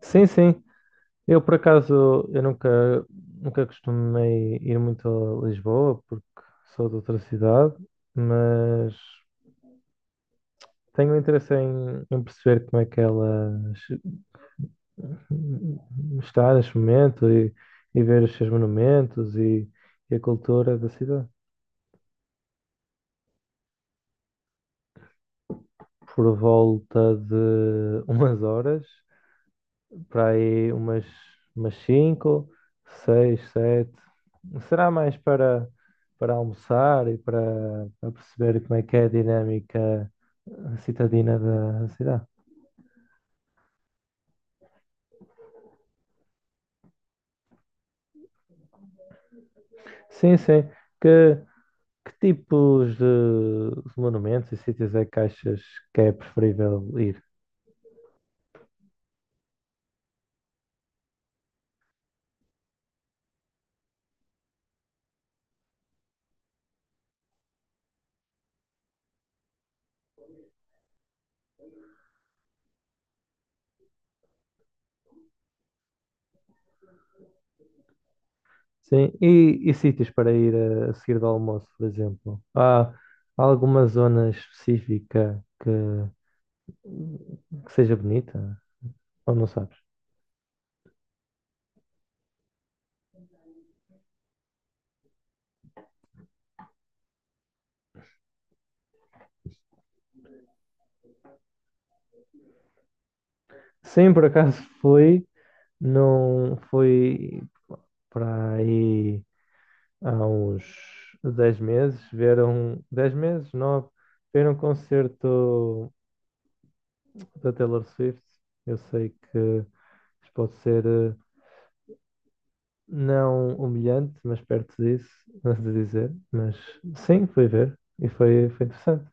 Sim, sim. Eu, por acaso, eu nunca costumei ir muito a Lisboa, porque sou de outra cidade, mas tenho interesse em perceber como é que ela se- está neste momento e ver os seus monumentos e a cultura da cidade. Por volta de umas horas, para aí umas, umas 5 6 sete. Será mais para almoçar e para perceber como é que é a dinâmica citadina da cidade. Sim, sim. Que, que tipos de monumentos e sítios é que achas que é preferível ir? Sim, e sítios para ir a seguir do almoço, por exemplo? Há alguma zona específica que seja bonita? Ou não sabes? Sim, por acaso não fui para aí há uns 10 meses, vieram 10 meses, 9, vieram um concerto da Taylor Swift. Eu sei que isto pode ser não humilhante, mas perto disso, mas de dizer, mas sim, fui ver e foi interessante.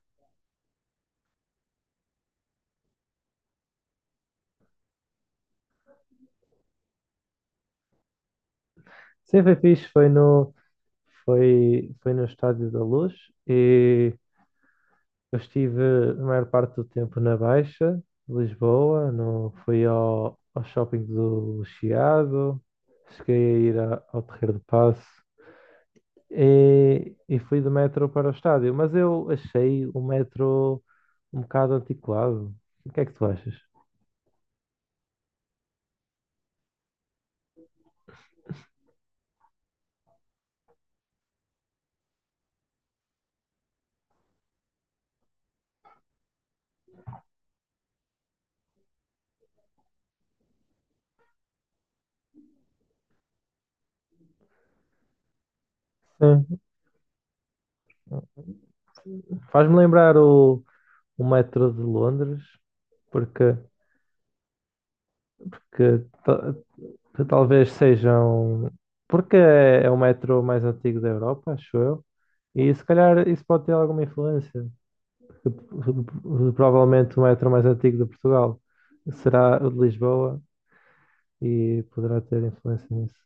Sim, foi fixe, foi no Estádio da Luz e eu estive a maior parte do tempo na Baixa, de Lisboa, no, fui ao shopping do Chiado, cheguei a ir ao Terreiro do Paço e fui do metro para o estádio. Mas eu achei o metro um bocado antiquado. O que é que tu achas? Sim. Faz-me lembrar o, o metro de Londres, porque, porque que talvez sejam. Porque é o metro mais antigo da Europa, acho eu, e se calhar isso pode ter alguma influência. Provavelmente o metro mais antigo de Portugal será o de Lisboa e poderá ter influência nisso.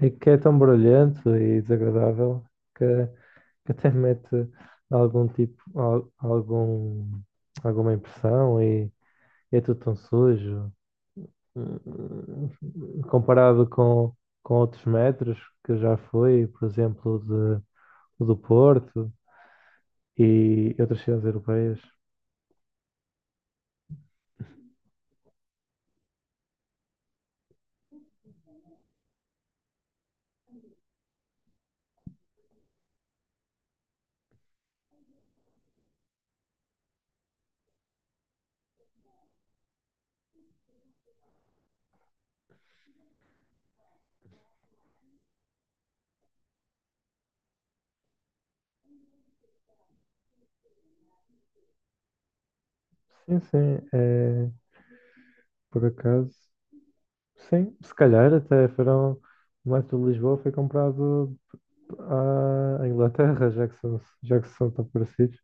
É que é tão barulhento e desagradável que, que até mete algum tipo, al- algum, alguma impressão e é tudo tão sujo comparado com outros metros que já fui, por exemplo, de, do Porto e outras cidades europeias. Sim, é, por acaso. Sim, se calhar até foram. O metro de Lisboa foi comprado à Inglaterra, já que já que são tão parecidos.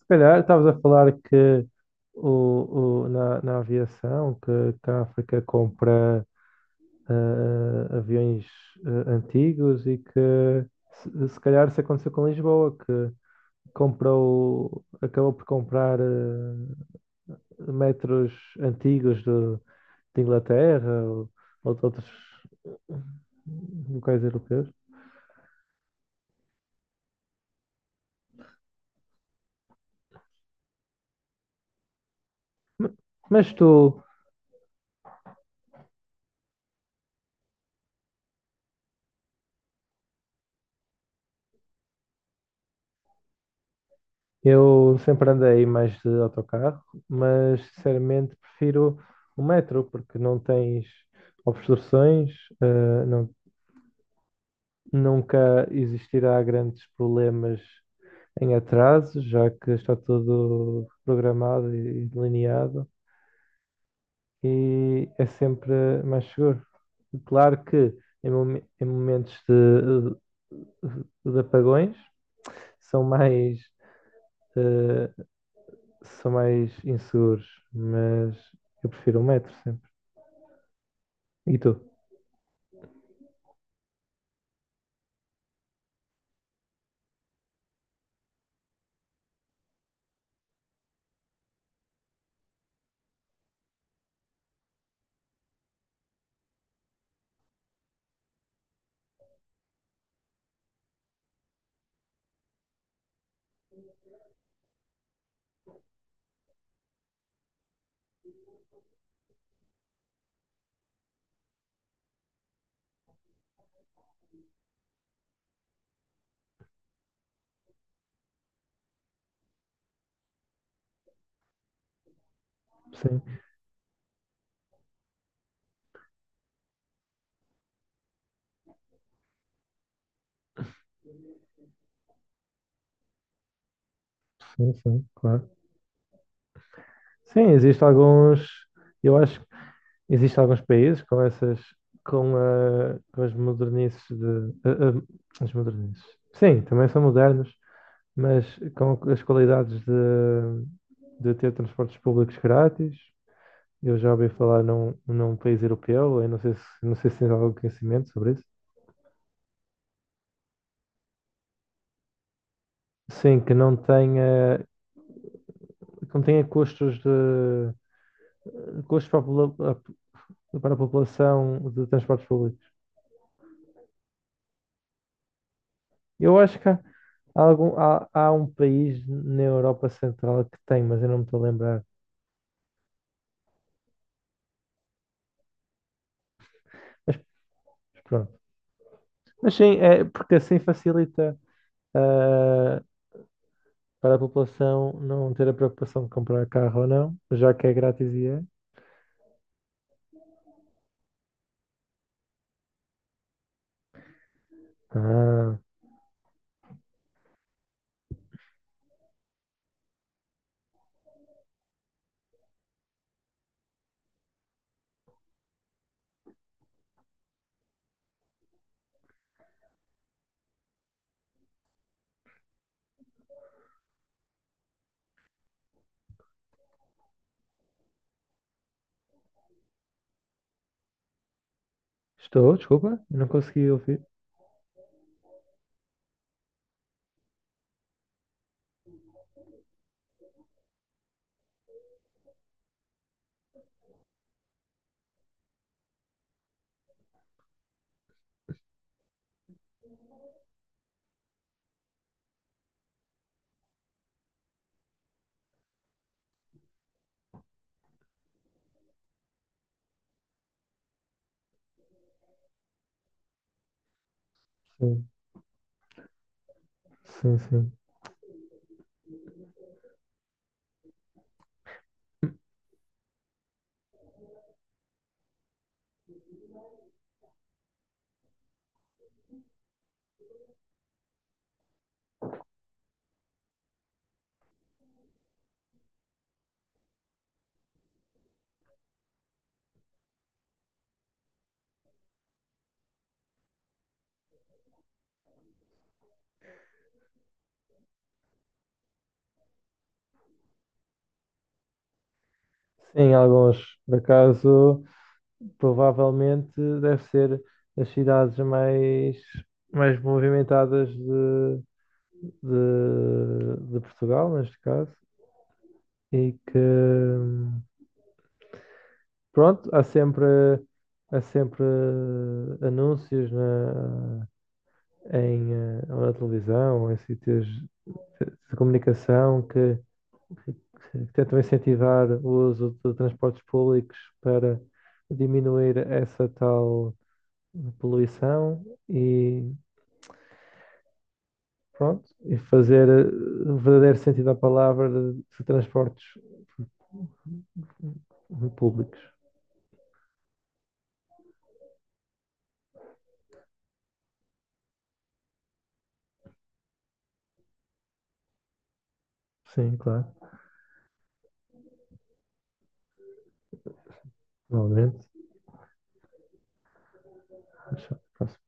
Se calhar estavas a falar que na aviação, que a África compra aviões antigos e que se calhar isso aconteceu com Lisboa, que acabou por comprar metros antigos de Inglaterra ou de outros eh, locais europeus. Mas tu, eu sempre andei mais de autocarro, mas sinceramente prefiro o metro, porque não tens obstruções, eh, não, nunca existirá grandes problemas em atraso, já que está tudo programado e delineado, e é sempre mais seguro. Claro que em momentos de apagões são mais, eh, são mais inseguros, mas eu prefiro o metro sempre. E tu? Sim, sim, sim, claro. Sim, existem alguns. Eu acho. Existem alguns países com com as modernices as modernices. Sim, também são modernos, mas com as qualidades de ter transportes públicos grátis. Eu já ouvi falar num país europeu, eu não sei se, não sei se tens algum conhecimento sobre isso. Sim, que não tenha custos para para a população de transportes públicos. Eu acho que há um país na Europa Central que tem, mas eu não me estou a lembrar. Mas pronto. Mas sim, é porque assim facilita ah, para a população não ter a preocupação de comprar carro ou não, já que é grátis e é. Ah, estou, desculpa, não consegui ouvir. Sim, sim, sim. Sim, alguns. Por acaso, provavelmente deve ser as cidades mais movimentadas de Portugal, neste caso, e que, pronto, há sempre anúncios ou na televisão, ou em sítios de comunicação que tentam incentivar o uso de transportes públicos para diminuir essa tal poluição e pronto, e fazer o verdadeiro sentido da palavra de transportes públicos. Sim, claro. Normalmente acho que